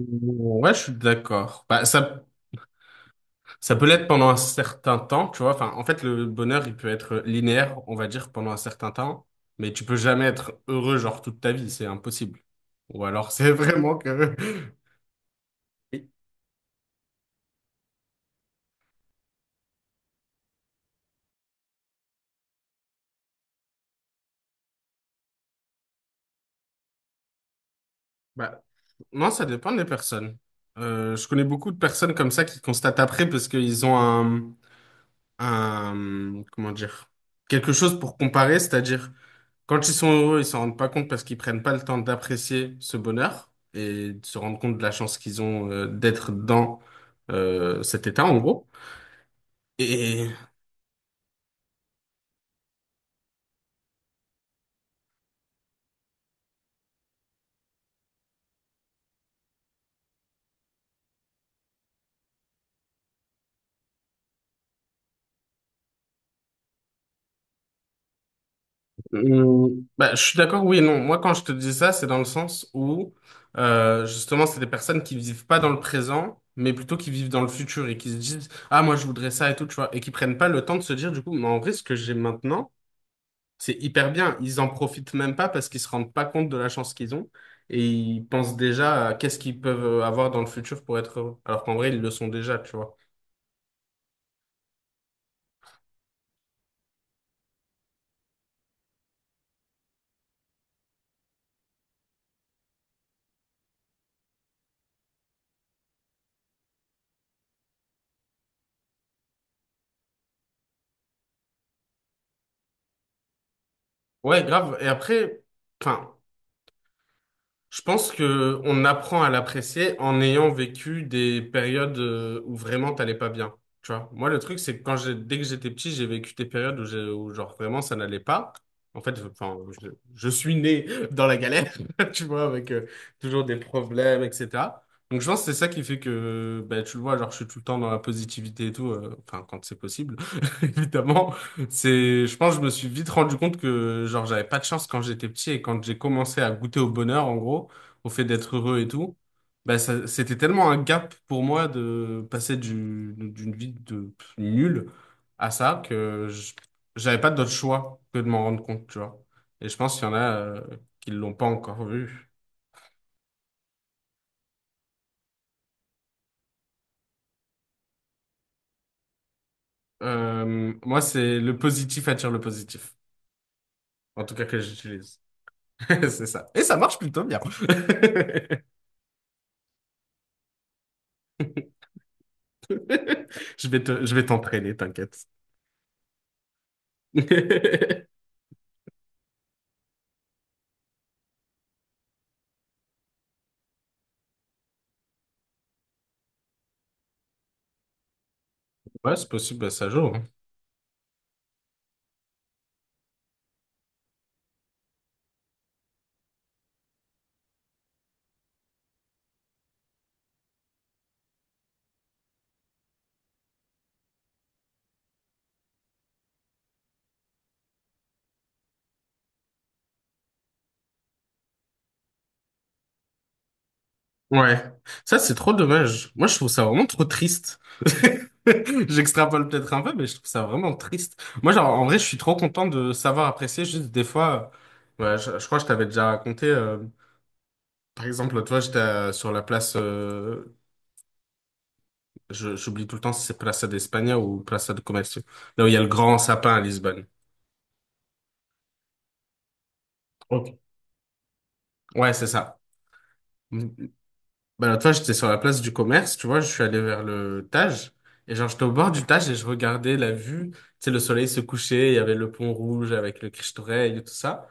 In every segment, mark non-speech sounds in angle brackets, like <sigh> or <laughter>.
Ouais, je suis d'accord. Bah, ça peut l'être pendant un certain temps, tu vois. Enfin, en fait, le bonheur, il peut être linéaire, on va dire, pendant un certain temps, mais tu peux jamais être heureux, genre, toute ta vie, c'est impossible. Ou alors, c'est <laughs> vraiment que... Oui. Bah, non, ça dépend des personnes. Je connais beaucoup de personnes comme ça qui constatent après parce qu'ils ont un, comment dire, quelque chose pour comparer, c'est-à-dire quand ils sont heureux, ils s'en rendent pas compte parce qu'ils prennent pas le temps d'apprécier ce bonheur et de se rendre compte de la chance qu'ils ont d'être dans cet état, en gros. Et euh, bah, je suis d'accord, oui et non. Moi, quand je te dis ça, c'est dans le sens où justement, c'est des personnes qui vivent pas dans le présent, mais plutôt qui vivent dans le futur et qui se disent, ah, moi, je voudrais ça et tout, tu vois, et qui prennent pas le temps de se dire, du coup, mais en vrai, ce que j'ai maintenant. C'est hyper bien. Ils en profitent même pas parce qu'ils se rendent pas compte de la chance qu'ils ont et ils pensent déjà à qu'est-ce qu'ils peuvent avoir dans le futur pour être heureux. Alors qu'en vrai, ils le sont déjà, tu vois. Ouais, grave. Et après, enfin. Je pense que on apprend à l'apprécier en ayant vécu des périodes où vraiment t'allais pas bien. Tu vois, moi le truc c'est que quand j'ai dès que j'étais petit, j'ai vécu des périodes où, où genre vraiment ça n'allait pas. En fait, enfin, je suis né <laughs> dans la galère, <laughs> tu vois, avec toujours des problèmes, etc. Donc je pense que c'est ça qui fait que ben, tu le vois, genre je suis tout le temps dans la positivité et tout, enfin quand c'est possible, <laughs> évidemment. C'est, je pense, que je me suis vite rendu compte que, genre, j'avais pas de chance quand j'étais petit et quand j'ai commencé à goûter au bonheur, en gros, au fait d'être heureux et tout, bah, ça, c'était tellement un gap pour moi de passer d'une vie de nulle à ça que j'avais pas d'autre choix que de m'en rendre compte, tu vois. Et je pense qu'il y en a, qui l'ont pas encore vu. Moi, c'est le positif attire le positif. En tout cas, que j'utilise. <laughs> C'est ça. Et ça marche plutôt bien. <laughs> <laughs> Je vais t'entraîner, t'inquiète. <laughs> Ouais, c'est possible, bah, ça joue, hein. Ouais. Ça, c'est trop dommage. Moi, je trouve ça vraiment trop triste. <laughs> J'extrapole peut-être un peu, mais je trouve ça vraiment triste. Moi, genre, en vrai, je suis trop content de savoir apprécier. Juste des fois, ouais, je crois que je t'avais déjà raconté, par exemple, l'autre fois, j'étais sur la place. J'oublie tout le temps si c'est Plaza d'Espagne ou Plaza de Comercio. Là où il y a le grand sapin à Lisbonne. Ok. Ouais, c'est ça. Bah, l'autre fois, j'étais sur la place du commerce, tu vois, je suis allé vers le Tage. Et genre, j'étais au bord du Tage et je regardais la vue. Tu sais, le soleil se couchait, il y avait le pont rouge avec le Christ-Rey et tout ça.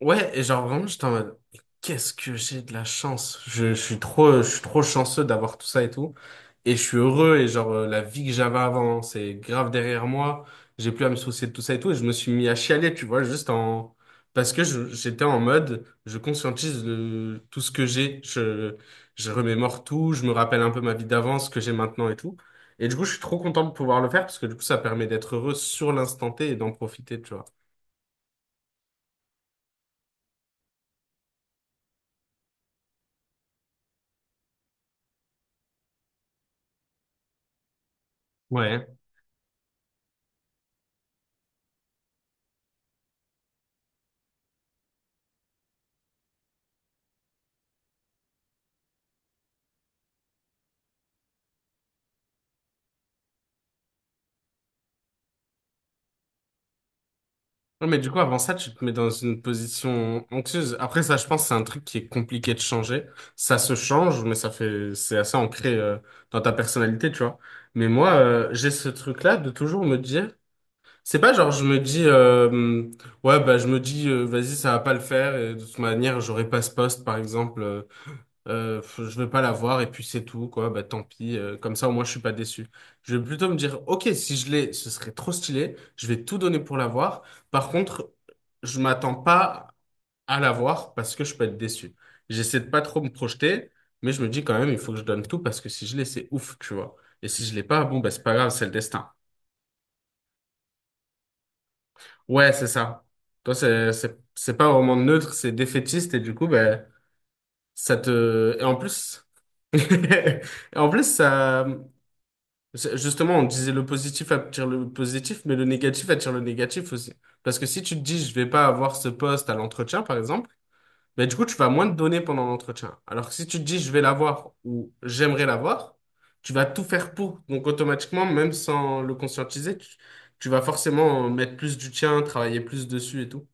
Ouais, et genre vraiment, j'étais en mode, mais qu'est-ce que j'ai de la chance. Je suis trop chanceux d'avoir tout ça et tout. Et je suis heureux et genre, la vie que j'avais avant, c'est grave derrière moi. J'ai plus à me soucier de tout ça et tout. Et je me suis mis à chialer, tu vois, parce que j'étais en mode, je conscientise tout ce que j'ai. Je remémore tout, je me rappelle un peu ma vie d'avant, ce que j'ai maintenant et tout. Et du coup, je suis trop content de pouvoir le faire parce que du coup, ça permet d'être heureux sur l'instant T et d'en profiter, tu vois. Ouais. Non, mais du coup, avant ça, tu te mets dans une position anxieuse. Après, ça, je pense, c'est un truc qui est compliqué de changer. Ça se change, mais ça fait, c'est assez ancré dans ta personnalité, tu vois. Mais moi, j'ai ce truc-là de toujours me dire, c'est pas genre, je me dis, ouais, bah, je me dis, vas-y, ça va pas le faire, et de toute manière, j'aurai pas ce poste, par exemple. Je vais pas la voir et puis c'est tout, quoi. Bah tant pis, comme ça au moins je suis pas déçu. Je vais plutôt me dire, ok, si je l'ai ce serait trop stylé, je vais tout donner pour la voir. Par contre, je m'attends pas à la voir parce que je peux être déçu. J'essaie de pas trop me projeter, mais je me dis quand même il faut que je donne tout parce que si je l'ai c'est ouf, tu vois. Et si je l'ai pas, bon, bah c'est pas grave, c'est le destin. Ouais, c'est ça. Toi, c'est pas vraiment neutre, c'est défaitiste, et du coup ben ça te, et en plus. <laughs> Et en plus, ça. Justement, on disait le positif attire le positif, mais le négatif attire le négatif aussi. Parce que si tu te dis, je vais pas avoir ce poste à l'entretien, par exemple, ben du coup, tu vas moins te donner pendant l'entretien. Alors que si tu te dis, je vais l'avoir ou j'aimerais l'avoir, tu vas tout faire pour. Donc, automatiquement, même sans le conscientiser, tu vas forcément mettre plus du tien, travailler plus dessus et tout.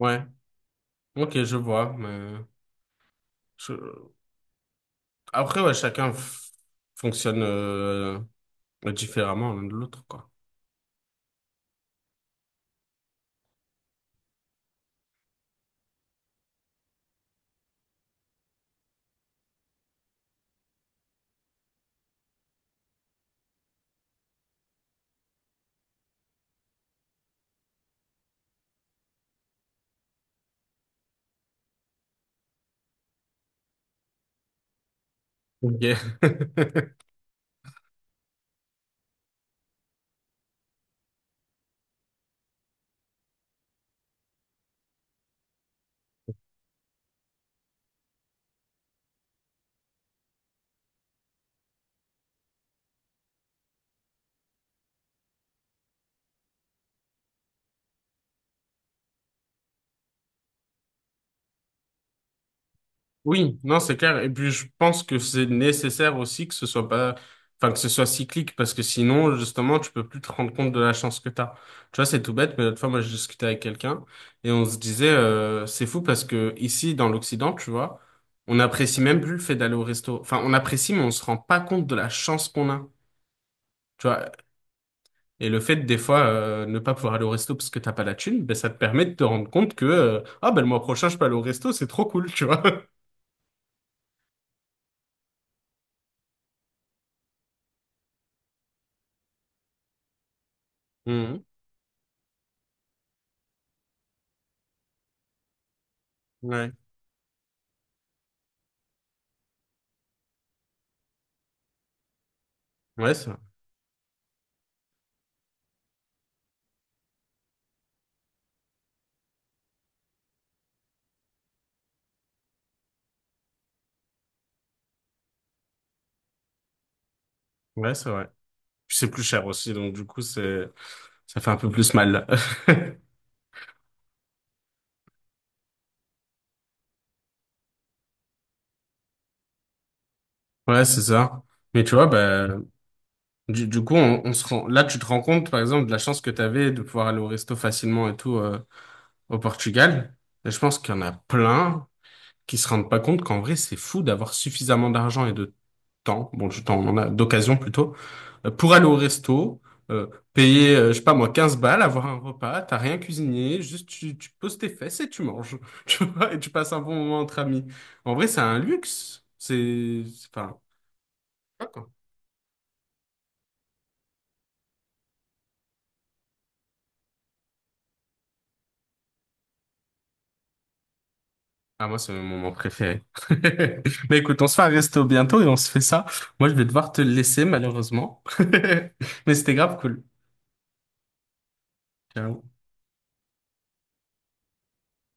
Ouais, ok, je vois. Je- Après, ouais, chacun fonctionne différemment l'un de l'autre, quoi. Ok. <laughs> Oui, non, c'est clair. Et puis, je pense que c'est nécessaire aussi que ce soit pas, enfin, que ce soit cyclique, parce que sinon, justement, tu peux plus te rendre compte de la chance que t'as. Tu vois, c'est tout bête, mais l'autre fois, moi, je discutais avec quelqu'un et on se disait, c'est fou parce que ici, dans l'Occident, tu vois, on n'apprécie même plus le fait d'aller au resto. Enfin, on apprécie, mais on se rend pas compte de la chance qu'on a. Tu vois, et le fait, des fois, ne pas pouvoir aller au resto parce que t'as pas la thune, ben, ça te permet de te rendre compte que, ah, ben, le mois prochain, je peux aller au resto, c'est trop cool, tu vois. <laughs> Mhm. Ouais. Ouais, c'est vrai. Ouais, c'est vrai. Puis c'est plus cher aussi, donc du coup, ça fait un peu plus mal. <laughs> Ouais, c'est ça. Mais tu vois, bah, du coup, on se rend, là, tu te rends compte, par exemple, de la chance que tu avais de pouvoir aller au resto facilement et tout, au Portugal. Et je pense qu'il y en a plein qui se rendent pas compte qu'en vrai, c'est fou d'avoir suffisamment d'argent et de temps, bon, du temps, on en a d'occasion plutôt, pour aller au resto, euh, payer, je sais pas moi, 15 balles, avoir un repas, t'as rien cuisiné, juste tu poses tes fesses et tu manges, <laughs> tu vois, et tu passes un bon moment entre amis. En vrai, c'est un luxe. Enfin, je sais pas, quoi. Ah, moi, c'est mon moment préféré. <laughs> Mais écoute, on se fait un resto bientôt et on se fait ça. Moi, je vais devoir te laisser, malheureusement. <laughs> Mais c'était grave cool. Ciao.